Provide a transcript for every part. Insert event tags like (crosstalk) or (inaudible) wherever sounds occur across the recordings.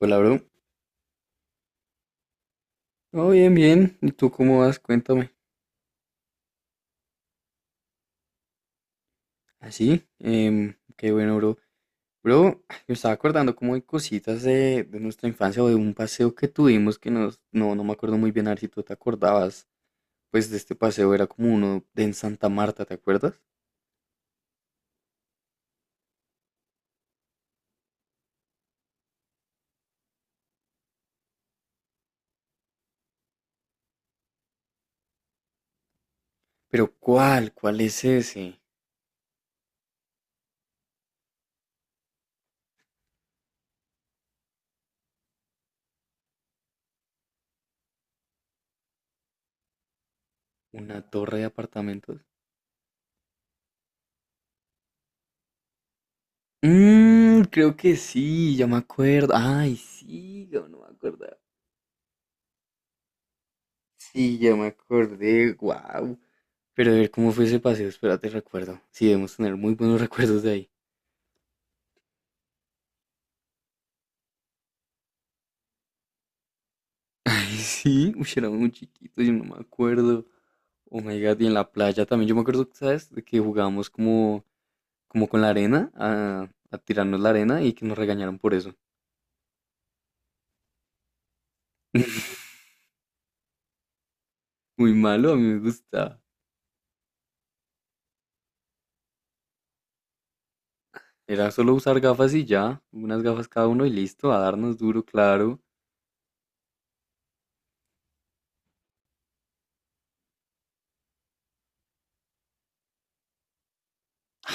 Hola, bro. Oh, bien, bien. ¿Y tú cómo vas? Cuéntame. Así, qué bueno, bro. Bro, (laughs) (sighs) me estaba acordando como de cositas de nuestra infancia o de un paseo que tuvimos que nos, no me acuerdo muy bien, a ver si tú te acordabas. Pues de este paseo era como uno de en Santa Marta, ¿te acuerdas? Pero ¿cuál? ¿Cuál es ese? ¿Una torre de apartamentos? Mmm, creo que sí, ya me acuerdo. Ay, sí, yo no me acordaba. Sí, ya me acordé. Wow. Pero a ver cómo fue ese paseo, espérate, recuerdo. Sí, debemos tener muy buenos (laughs) recuerdos de ahí. (laughs) Ay, sí, uy, era muy chiquito, yo no me acuerdo. Oh my God, y en la playa también, yo me acuerdo, ¿sabes? De que jugábamos como, como con la arena, a tirarnos la arena y que nos regañaron por eso. (laughs) Muy malo, a mí me gustaba. Era solo usar gafas y ya, unas gafas cada uno y listo, a darnos duro, claro.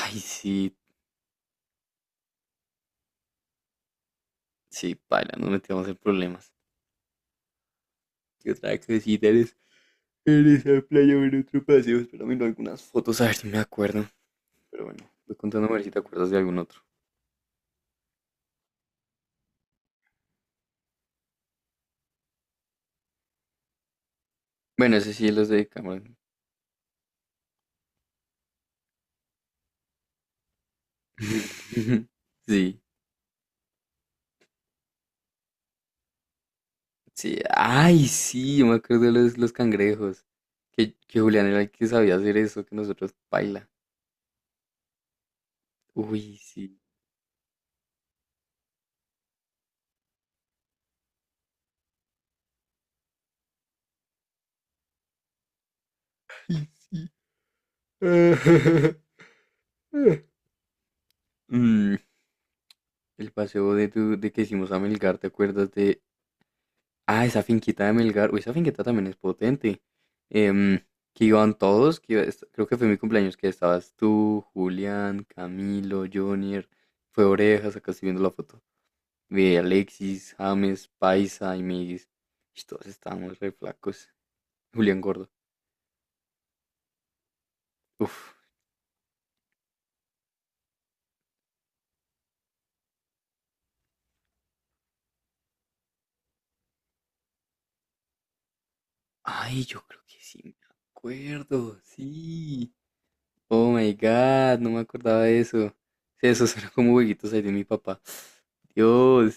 Ay, sí, sí, paila, nos metíamos en problemas. ¿Qué otra cosita eres? En esa playa o en otro paseo, espera, miro algunas fotos, a ver si me acuerdo. Pero bueno, voy contando a ver si te acuerdas de algún otro. Bueno, ese sí, los de Cameron. (laughs) Sí, sí. Ay, sí, yo me acuerdo de los cangrejos. Que Julián era el que sabía hacer eso, que nosotros baila. Uy, sí. Ay, sí. (laughs) Mm, el paseo de, tu, de que hicimos a Melgar, ¿te acuerdas de Ah, esa finquita de Melgar. Uy, esa finquita también es potente. Em, que iban todos, creo que fue mi cumpleaños, que estabas tú, Julián, Camilo, Jonier, fue Orejas, acá estoy viendo la foto. Vi a Alexis, James, Paisa y Miguis. Y todos estábamos re flacos. Julián Gordo. Uf. Ay, yo creo que sí me acuerdo. Sí. Oh my God, no me acordaba de eso. Sí, esos eran como huequitos ahí de mi papá. Dios.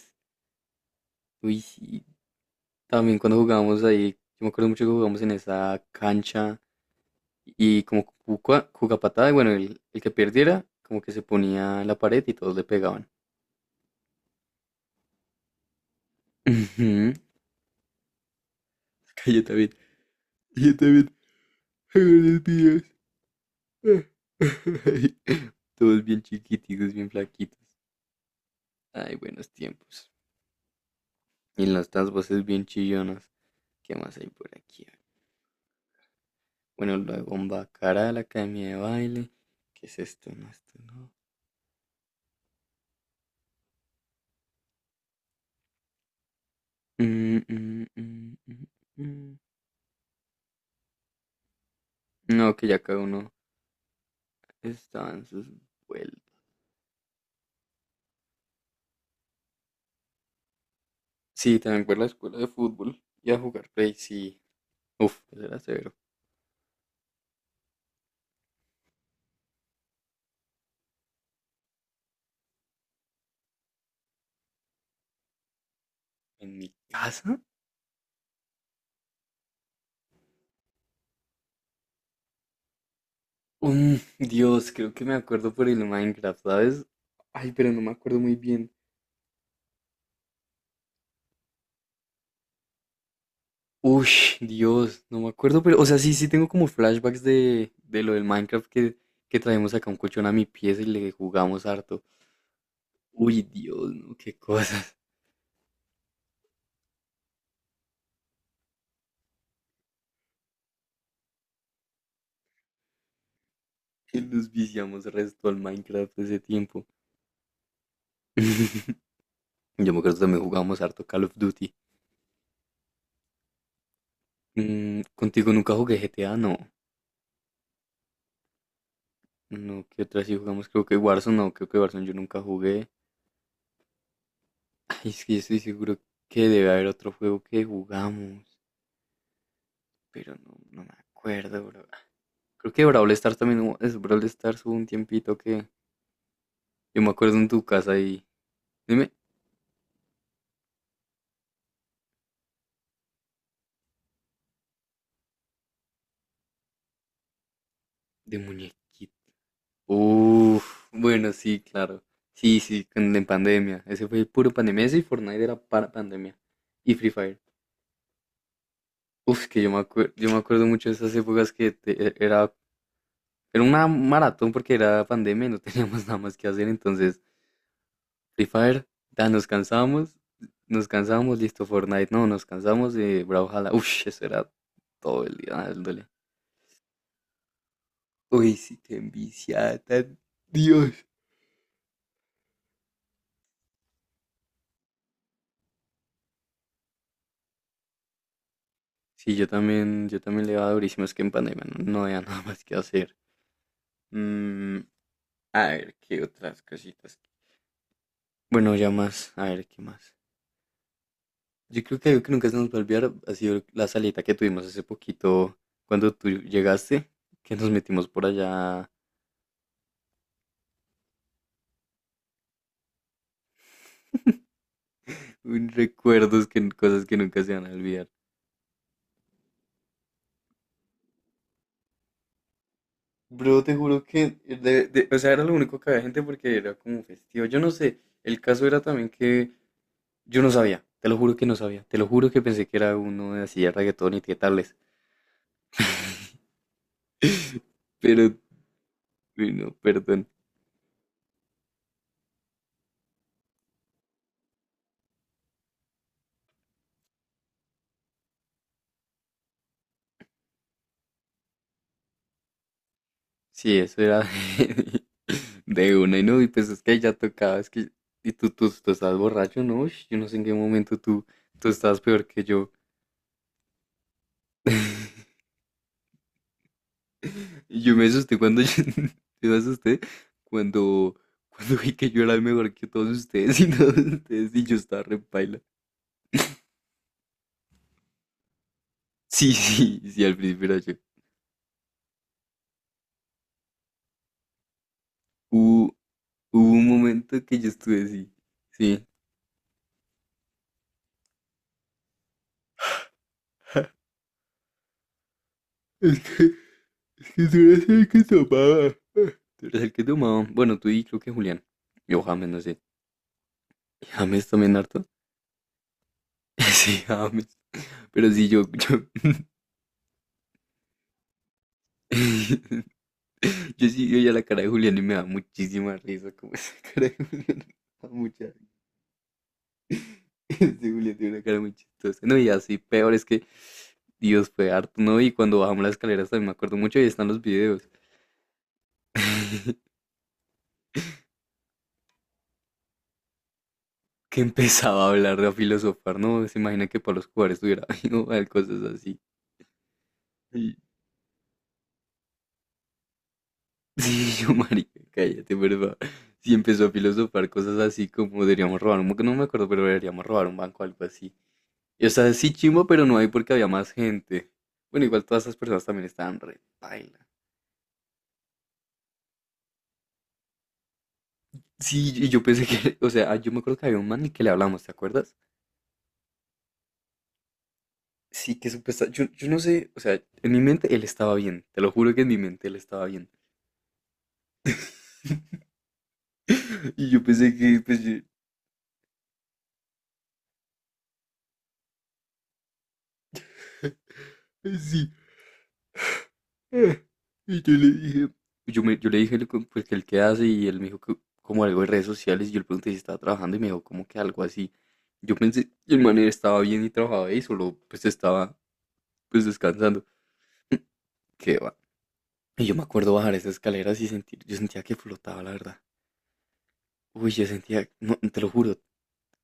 Uy, sí, también cuando jugábamos ahí, yo me acuerdo mucho que jugamos en esa cancha y como cucapatada, y bueno, el que perdiera como que se ponía en la pared y todos le pegaban. Ujú. (laughs) Que yo también, yo también hago los videos. (laughs) Todos bien chiquititos, bien flaquitos. Ay, buenos tiempos. Y nuestras voces bien chillonas. ¿Qué más hay por aquí? Bueno, la bomba cara la academia de baile. ¿Qué es esto? No, esto no. Mm, mm, mm, mm, mm. Mm. No, que ya cada uno estaba en sus vueltas. Sí, también fue a la escuela de fútbol y a jugar play, sí. Uf, eso era severo. En mi casa, um Dios, creo que me acuerdo por el Minecraft, ¿sabes? Ay, pero no me acuerdo muy bien. Uy, Dios, no me acuerdo, pero, o sea, sí, sí tengo como flashbacks de lo del Minecraft que traemos acá un colchón a mi pieza y le jugamos harto. Uy, Dios, no, qué cosas. (laughs) Nos viciamos resto al Minecraft ese tiempo. (laughs) Yo me acuerdo también jugábamos harto Call of Duty. Mm, contigo nunca jugué GTA, no. No, ¿qué otra sí jugamos? Creo que Warzone, no, creo que Warzone yo nunca jugué. Ay, es que estoy seguro que debe haber otro juego que jugamos, pero no, no me acuerdo, bro. Creo que Brawl Stars también hubo, es Brawl Stars hubo un tiempito que yo me acuerdo en tu casa y... Dime, de muñequito. Uf, bueno, sí, claro. Sí, sí, en pandemia. Ese fue puro pandemia. Ese y Fortnite era para pandemia. Y Free Fire. Uf, que yo me acuerdo mucho de esas épocas era, era una maratón porque era pandemia y no teníamos (laughs) nada más que hacer, entonces Free Fire, ya nos cansábamos, listo, Fortnite, no, nos cansamos de Brawlhalla, uf, eso era todo el día dándole. Uy, sí, qué envicia, tan- Dios. Sí, yo también le daba durísimo, es que en pandemia no, no había (laughs) nada más que hacer. Mm, a ver, ¿qué otras cositas? Bueno, ya más, a ver, ¿qué más? Yo creo que algo que nunca se nos va a olvidar ha sido la salita que tuvimos hace poquito cuando tú llegaste, que nos metimos por allá. Uy, recuerdos, que, cosas que nunca se van a olvidar. Bro, te juro que, o sea, era lo único que había gente porque era como festivo. Yo no sé, el caso era también que yo no sabía, te lo juro que no sabía, te lo juro que pensé que era uno de así de reggaetón y qué tales. (laughs) Pero, uy, no, perdón. Sí, eso era de, (laughs) de una y no, y pues es que ya tocaba, es que, y tú estás borracho, ¿no? Ush, yo no sé en qué momento tú, tú estás peor que yo. (laughs) Y yo me asusté cuando, yo, (laughs) yo me asusté cuando, cuando vi que yo era el mejor que todos ustedes (laughs) y todos ustedes y yo estaba re paila. Sí, sí, sí, al principio era yo. Hubo, hubo un momento que yo estuve así, sí. (laughs) es que Es que tú eres el que tomaba. Tú eres el que tomaba. Bueno, tú y creo que Julián. Yo James, no sé. ¿James también harto? (laughs) Sí, James. Pero sí, yo, (laughs) yo sí veo ya la cara de Julián y me da muchísima risa como esa (laughs) cara de Julián. (laughs) Da mucha risa. Sí, Julián tiene una cara muy chistosa. No, y así peor es que Dios fue harto, ¿no? Y cuando bajamos las escaleras también me acuerdo mucho y están los videos. (laughs) Que empezaba a hablar, a filosofar, ¿no? Se imagina que Pablo Escobar estuviera (laughs) viendo cosas así. Y, (laughs) sí, yo, marica, cállate, por favor. Sí, empezó a filosofar cosas así como deberíamos robar un banco, no me acuerdo, pero deberíamos robar un banco, algo así. Y o sea, sí chimbo, pero no hay porque había más gente. Bueno, igual todas esas personas también estaban re paila. Sí, y yo pensé que, (laughs) o sea, ah, yo me acuerdo que había un man y que le hablamos, ¿te acuerdas? Sí, que supuestamente, yo no sé, o sea, en mi mente él estaba bien, te lo juro que en mi mente él estaba bien. (laughs) Y yo pensé que, pues, yo- (laughs) Sí, Eh, y yo le dije, yo, yo le dije lo pues, que él qué hace y él me dijo que como algo de redes sociales y yo le pregunté si estaba trabajando y me dijo como que algo así. Yo pensé, y el man estaba bien y trabajaba y solo pues estaba pues descansando. Qué va. Y yo me acuerdo bajar esas escaleras y sentir, yo sentía que flotaba, la verdad. Uy, yo sentía, no, te lo juro.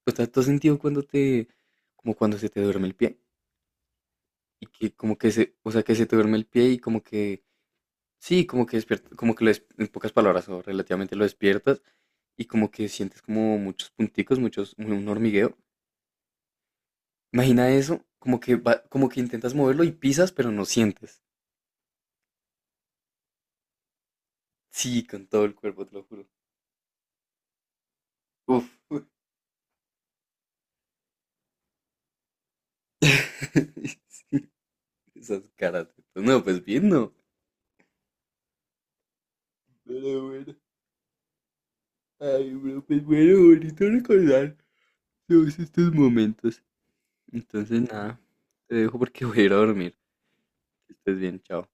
O sea, ¿tú has sentido cuando te, como cuando se te duerme el pie? Y que como que se, o sea, que se te duerme el pie y como que sí, como que despierta, como que en pocas palabras o relativamente lo despiertas y como que sientes como muchos punticos, muchos, un hormigueo. Imagina eso, como que como que intentas moverlo y pisas, pero no sientes. Sí, con todo el cuerpo, te lo juro. Uf. (laughs) Esas caras. No, pues bien, no. Pero bueno, ay, bro, pues bueno, bonito recordar todos estos momentos. Entonces, nada, te dejo porque voy a ir a dormir. Que estés bien, chao.